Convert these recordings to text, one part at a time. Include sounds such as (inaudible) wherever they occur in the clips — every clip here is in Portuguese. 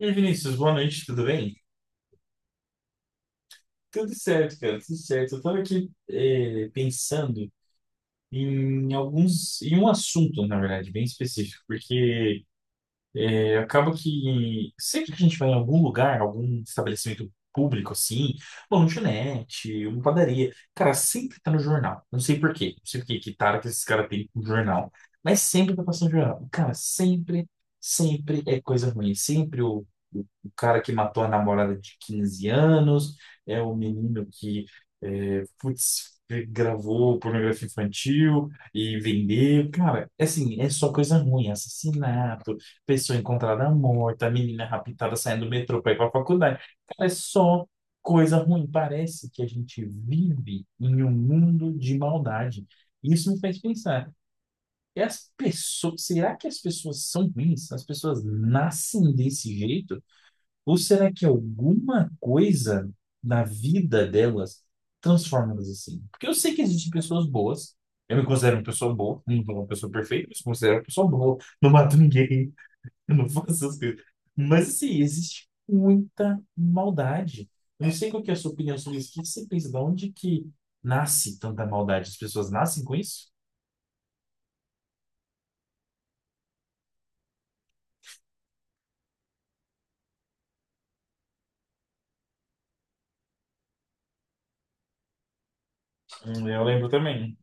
E aí, Vinícius, boa noite, tudo bem? Tudo certo, cara, tudo certo. Eu tava aqui, pensando em em um assunto, na verdade, bem específico. Porque acaba que sempre que a gente vai em algum lugar, algum estabelecimento público, assim, uma lanchonete, uma padaria, cara, sempre tá no jornal. Não sei por quê, não sei por quê, que tara que esses caras têm com jornal, mas sempre tá passando jornal. Cara, sempre, sempre é coisa ruim. Sempre o cara que matou a namorada de 15 anos, é o menino que, é, putz, gravou pornografia infantil e vendeu. Cara, é assim, é só coisa ruim, assassinato, pessoa encontrada morta, menina raptada saindo do metrô para ir para a faculdade. Cara, é só coisa ruim. Parece que a gente vive em um mundo de maldade. Isso me faz pensar. E as pessoas, será que as pessoas são ruins? As pessoas nascem desse jeito? Ou será que alguma coisa na vida delas transforma elas assim? Porque eu sei que existem pessoas boas. Eu me considero uma pessoa boa, não sou uma pessoa perfeita, mas me considero uma pessoa boa. Não mato ninguém, (laughs) eu não faço essas coisas. Mas, assim, existe muita maldade. Eu não sei qual que é a sua opinião sobre isso. O que que você pensa? De onde que nasce tanta maldade? As pessoas nascem com isso? Eu lembro também.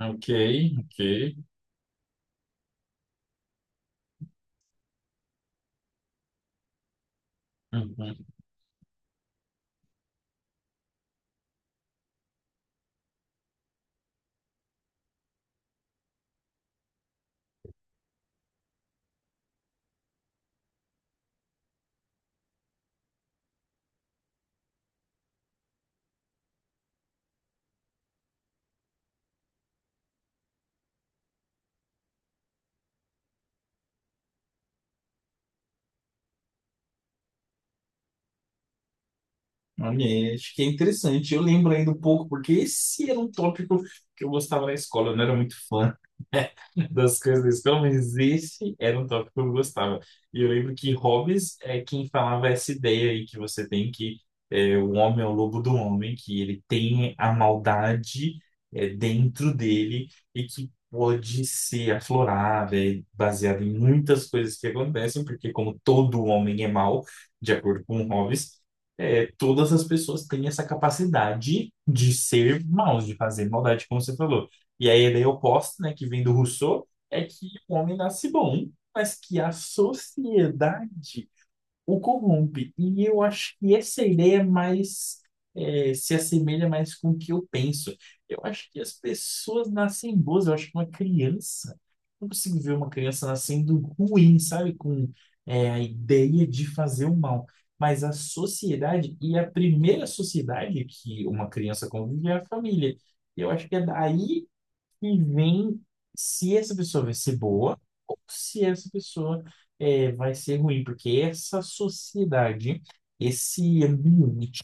Ok, ok. Uhum. Olha, acho que é interessante. Eu lembro ainda um pouco, porque esse era um tópico que eu gostava na escola, eu não era muito fã das coisas da escola, mas esse era um tópico que eu gostava. E eu lembro que Hobbes é quem falava essa ideia aí que você tem, que o homem é o lobo do homem, que ele tem a maldade, dentro dele, e que pode ser aflorada, é baseada em muitas coisas que acontecem, porque como todo homem é mau, de acordo com Hobbes, todas as pessoas têm essa capacidade de ser maus, de fazer maldade, como você falou. E aí a ideia oposta, né, que vem do Rousseau, é que o homem nasce bom, mas que a sociedade o corrompe. E eu acho que essa ideia se assemelha mais com o que eu penso. Eu acho que as pessoas nascem boas, eu acho que uma criança, eu não consigo ver uma criança nascendo ruim, sabe? Com a ideia de fazer o mal. Mas a sociedade, e a primeira sociedade que uma criança convive é a família. Eu acho que é daí e vem se essa pessoa vai ser boa ou se essa pessoa, vai ser ruim, porque essa sociedade, esse ambiente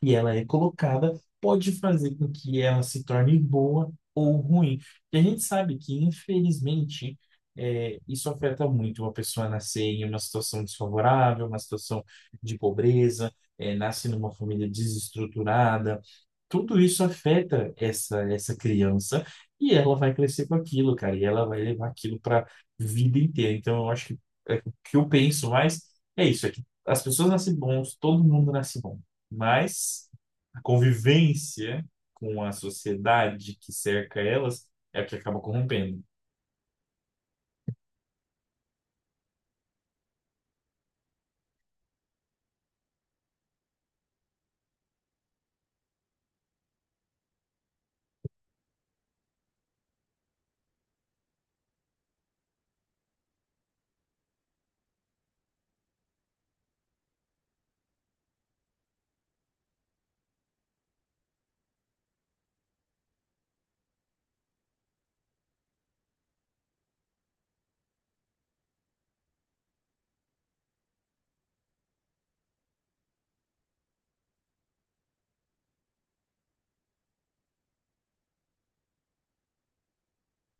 que ela é colocada, pode fazer com que ela se torne boa ou ruim. E a gente sabe que, infelizmente, isso afeta muito, uma pessoa nascer em uma situação desfavorável, uma situação de pobreza, nasce numa família desestruturada, tudo isso afeta essa criança, e ela vai crescer com aquilo, cara, e ela vai levar aquilo para vida inteira. Então eu acho que, o que eu penso mais é isso, é que as pessoas nascem bons, todo mundo nasce bom, mas a convivência com a sociedade que cerca elas é a que acaba corrompendo.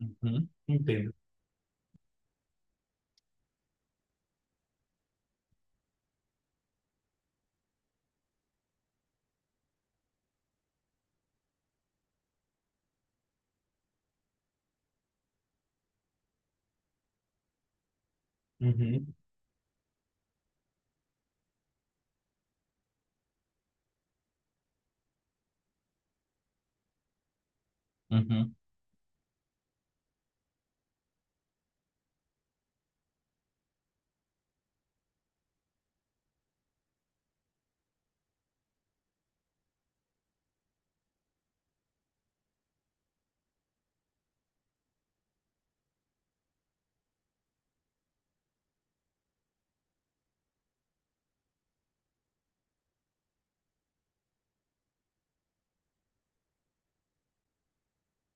Uhum, entendo. Uhum, uhum,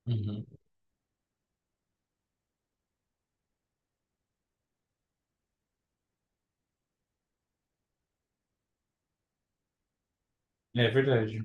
uhum. É verdade.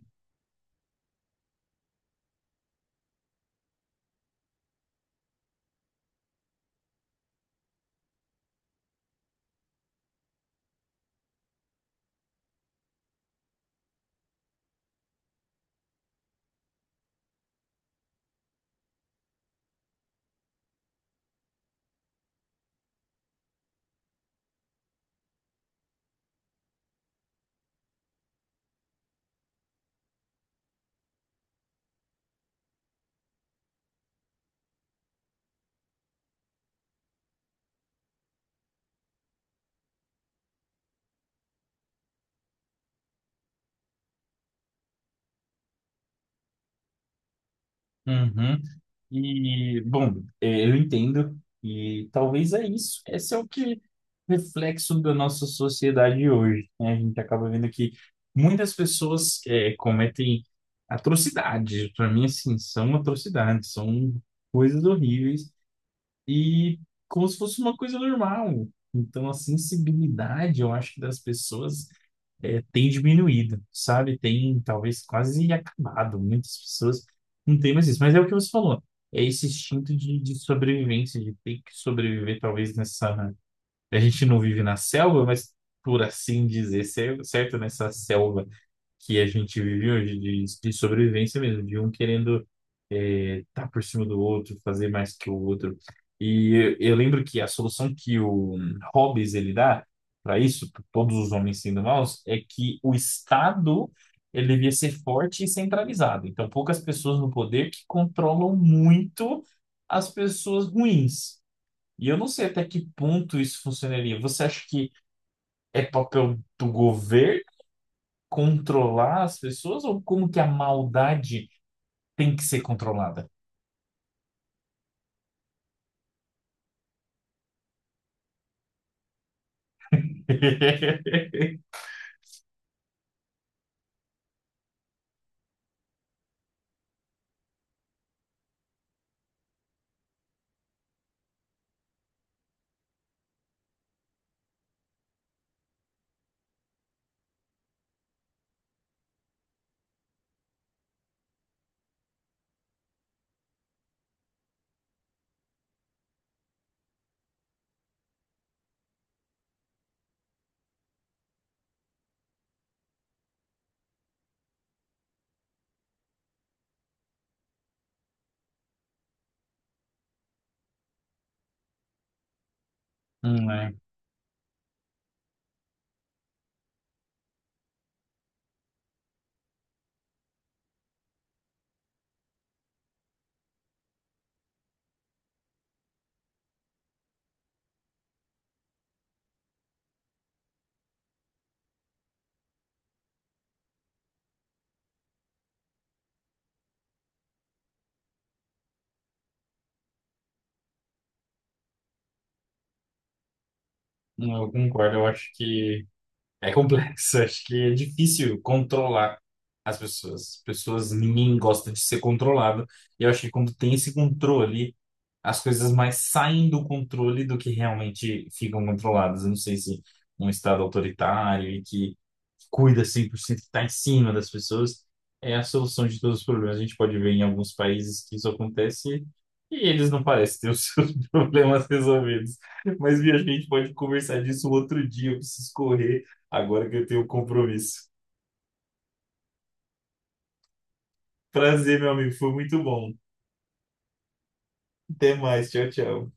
Uhum. E, bom, é, eu entendo, e talvez é isso. Esse é o que reflexo da nossa sociedade hoje, né? A gente acaba vendo que muitas pessoas, cometem atrocidades. Para mim, assim, são atrocidades, são coisas horríveis, e como se fosse uma coisa normal. Então, a sensibilidade, eu acho que das pessoas, tem diminuído, sabe? Tem talvez quase acabado. Muitas pessoas não têm mais isso. Mas é o que você falou. É esse instinto de sobrevivência, de ter que sobreviver, talvez nessa. A gente não vive na selva, mas por assim dizer, certo? Nessa selva que a gente vive hoje de sobrevivência mesmo, de um querendo, tá por cima do outro, fazer mais que o outro. E eu lembro que a solução que o Hobbes ele dá para isso, pra todos os homens sendo maus, é que o Estado ele devia ser forte e centralizado. Então, poucas pessoas no poder que controlam muito as pessoas ruins. E eu não sei até que ponto isso funcionaria. Você acha que é papel do governo controlar as pessoas, ou como que a maldade tem que ser controlada? (laughs) É. Não, eu concordo, eu acho que é complexo, (laughs) acho que é difícil controlar as pessoas. Pessoas, ninguém gosta de ser controlado. E eu acho que quando tem esse controle, as coisas mais saem do controle do que realmente ficam controladas. Eu não sei se um estado autoritário e que cuida 100%, que está em cima das pessoas, é a solução de todos os problemas. A gente pode ver em alguns países que isso acontece e eles não parecem ter os (laughs) seus problemas resolvidos. Mas, Bia, acho que a gente pode conversar disso outro dia. Eu preciso correr agora que eu tenho um compromisso. Prazer, meu amigo. Foi muito bom. Até mais. Tchau, tchau.